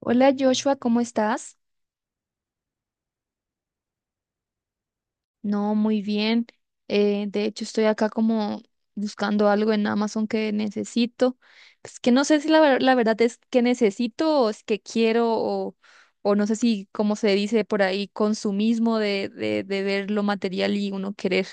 Hola Joshua, ¿cómo estás? No, muy bien. De hecho, estoy acá como buscando algo en Amazon que necesito. Pues que no sé si la verdad es que necesito o es que quiero, o no sé si, como se dice por ahí, consumismo de ver lo material y uno querer.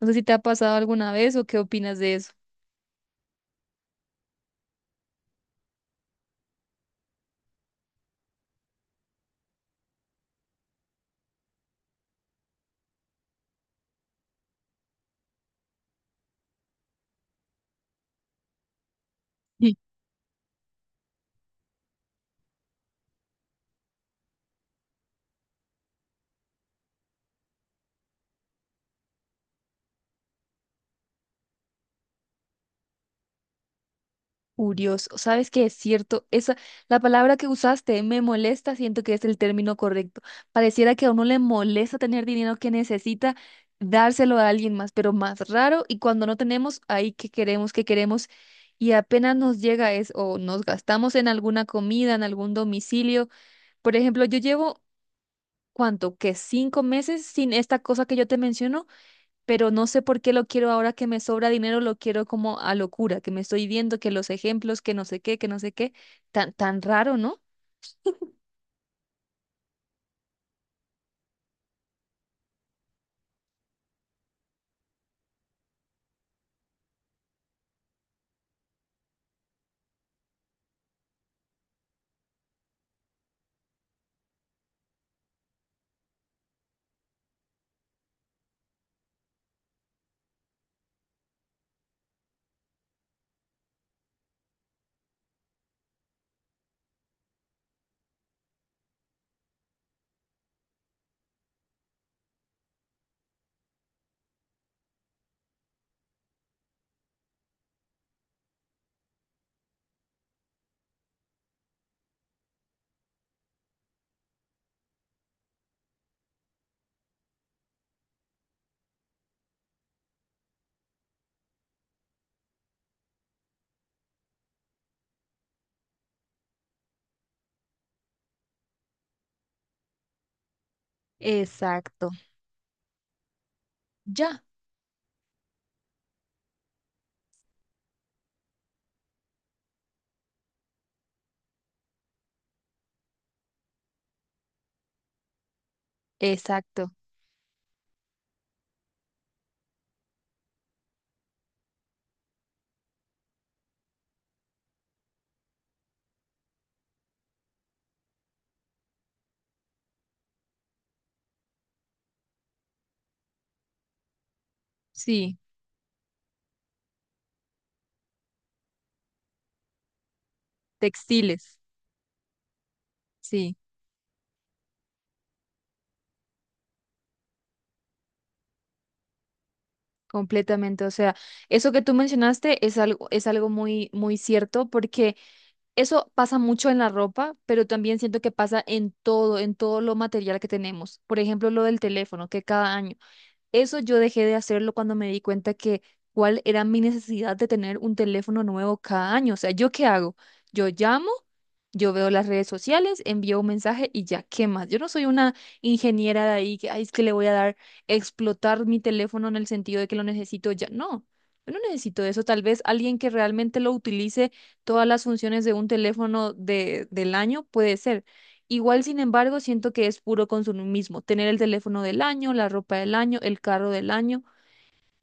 No sé si te ha pasado alguna vez o qué opinas de eso. Furioso, ¿sabes qué? Es cierto, esa, la palabra que usaste, me molesta, siento que es el término correcto. Pareciera que a uno le molesta tener dinero que necesita dárselo a alguien más, pero más raro y cuando no tenemos, ahí que queremos, que queremos, y apenas nos llega es o nos gastamos en alguna comida, en algún domicilio. Por ejemplo, yo llevo, ¿cuánto? Que 5 meses sin esta cosa que yo te menciono, pero no sé por qué lo quiero ahora que me sobra dinero, lo quiero como a locura, que me estoy viendo, que los ejemplos, que no sé qué, que no sé qué, tan raro, ¿no? Exacto. Ya, exacto. Sí, textiles. Sí, completamente. O sea, eso que tú mencionaste es algo muy, muy cierto, porque eso pasa mucho en la ropa, pero también siento que pasa en todo lo material que tenemos. Por ejemplo, lo del teléfono, que cada año. Eso yo dejé de hacerlo cuando me di cuenta que cuál era mi necesidad de tener un teléfono nuevo cada 1 año. O sea, ¿yo qué hago? Yo llamo, yo veo las redes sociales, envío un mensaje y ya, ¿qué más? Yo no soy una ingeniera de ahí que, ay, es que le voy a dar, explotar mi teléfono en el sentido de que lo necesito ya. No, yo no necesito eso. Tal vez alguien que realmente lo utilice todas las funciones de un teléfono de, del año, puede ser. Igual, sin embargo, siento que es puro consumismo. Tener el teléfono del año, la ropa del año, el carro del año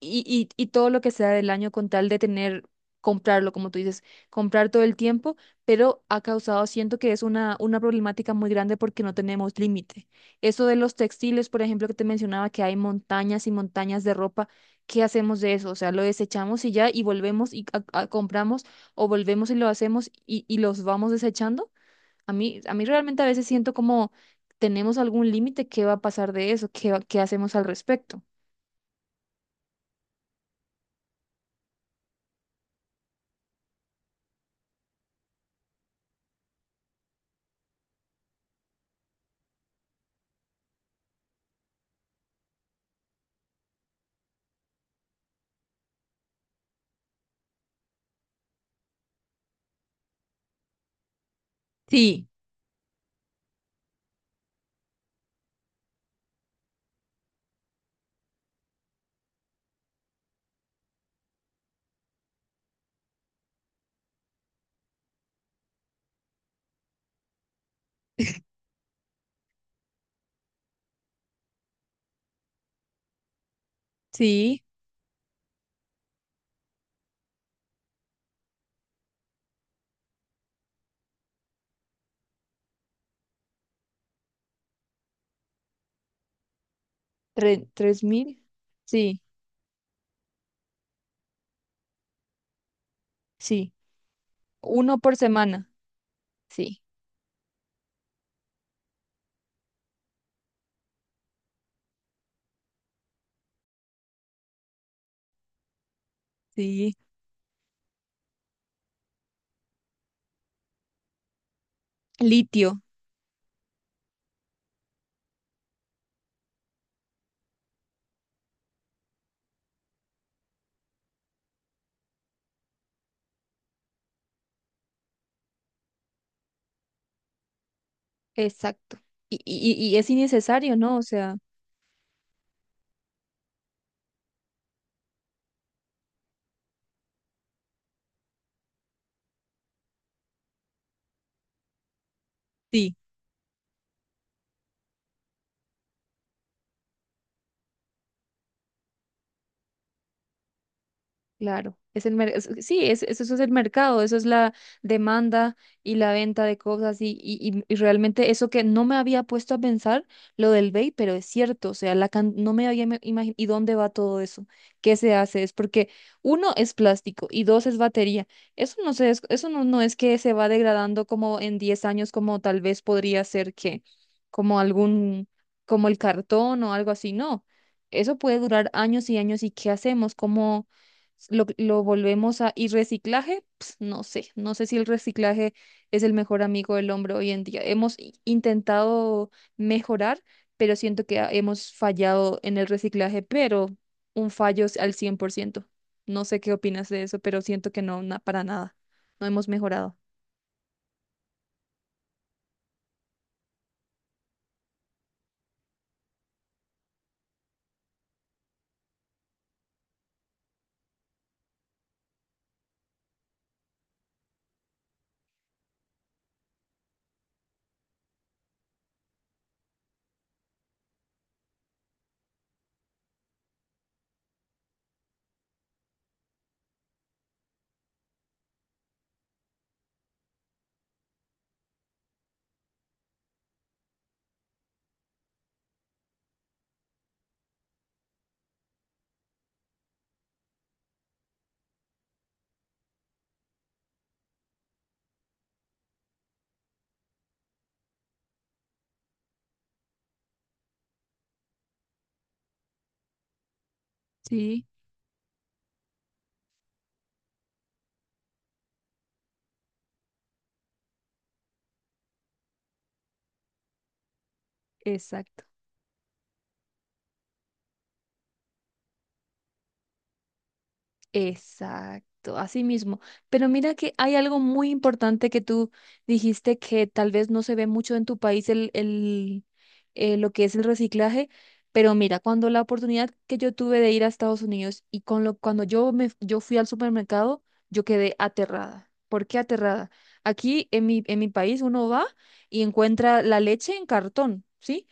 y, y todo lo que sea del año con tal de tener, comprarlo, como tú dices, comprar todo el tiempo, pero ha causado, siento que es una problemática muy grande porque no tenemos límite. Eso de los textiles, por ejemplo, que te mencionaba que hay montañas y montañas de ropa, ¿qué hacemos de eso? O sea, lo desechamos y ya, y volvemos y compramos, o volvemos y lo hacemos y los vamos desechando. A mí realmente a veces siento como... ¿Tenemos algún límite? ¿Qué va a pasar de eso? ¿Qué, qué hacemos al respecto? Sí, sí. ¿Tres mil? Sí, sí. Uno por semana. Sí, sí. Litio, exacto. Y es innecesario, ¿no? O sea, sí. Claro, es el sí, eso es el mercado, eso es la demanda y la venta de cosas y realmente eso que no me había puesto a pensar, lo del vape, pero es cierto, o sea, la no me había imaginado, ¿y dónde va todo eso? ¿Qué se hace? Es porque uno es plástico y dos es batería. Eso no se eso no, no es que se va degradando como en 10 años, como tal vez podría ser que, como algún, como el cartón o algo así, no. Eso puede durar años y años, ¿y qué hacemos? Lo volvemos a... ¿Y reciclaje? Ps, no sé, no sé si el reciclaje es el mejor amigo del hombre hoy en día. Hemos intentado mejorar, pero siento que hemos fallado en el reciclaje, pero un fallo es al 100%. No sé qué opinas de eso, pero siento que no, para nada. No hemos mejorado. Sí. Exacto. Exacto, así mismo. Pero mira que hay algo muy importante que tú dijiste, que tal vez no se ve mucho en tu país lo que es el reciclaje, pero mira, cuando la oportunidad que yo tuve de ir a Estados Unidos y con lo, cuando yo fui al supermercado, yo quedé aterrada. ¿Por qué aterrada? Aquí en mi país uno va y encuentra la leche en cartón, ¿sí?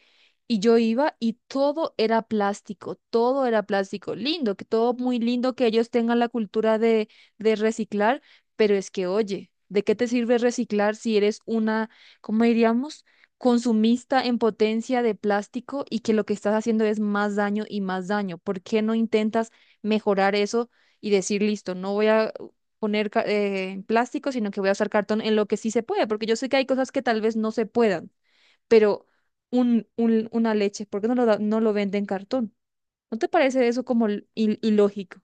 Y yo iba y todo era plástico, todo era plástico. Lindo, que todo muy lindo que ellos tengan la cultura de reciclar, pero es que, oye, ¿de qué te sirve reciclar si eres una, ¿cómo diríamos? Consumista en potencia de plástico, y que lo que estás haciendo es más daño y más daño. ¿Por qué no intentas mejorar eso y decir, listo, no voy a poner plástico, sino que voy a usar cartón en lo que sí se puede? Porque yo sé que hay cosas que tal vez no se puedan, pero un, una leche, ¿por qué no lo, no lo vende en cartón? ¿No te parece eso como ilógico?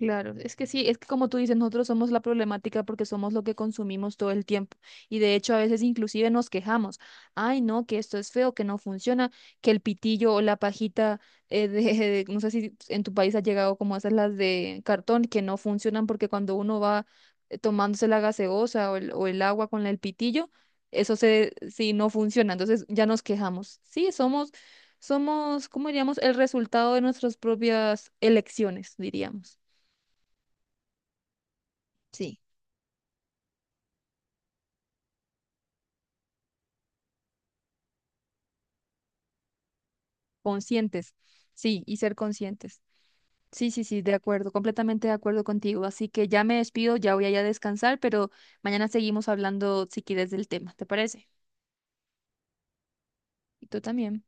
Claro, es que sí, es que como tú dices, nosotros somos la problemática porque somos lo que consumimos todo el tiempo. Y de hecho a veces inclusive nos quejamos, ay no, que esto es feo, que no funciona, que el pitillo o la pajita, no sé si en tu país ha llegado como esas las de cartón, que no funcionan porque cuando uno va tomándose la gaseosa o el agua con el pitillo, eso se, sí, no funciona. Entonces ya nos quejamos. Sí, somos, somos, ¿cómo diríamos? El resultado de nuestras propias elecciones, diríamos. Sí. Conscientes, sí, y ser conscientes. Sí, sí, sí, de acuerdo, completamente de acuerdo contigo. Así que ya me despido, ya voy allá a descansar, pero mañana seguimos hablando si quieres del tema, ¿te parece? Y tú también.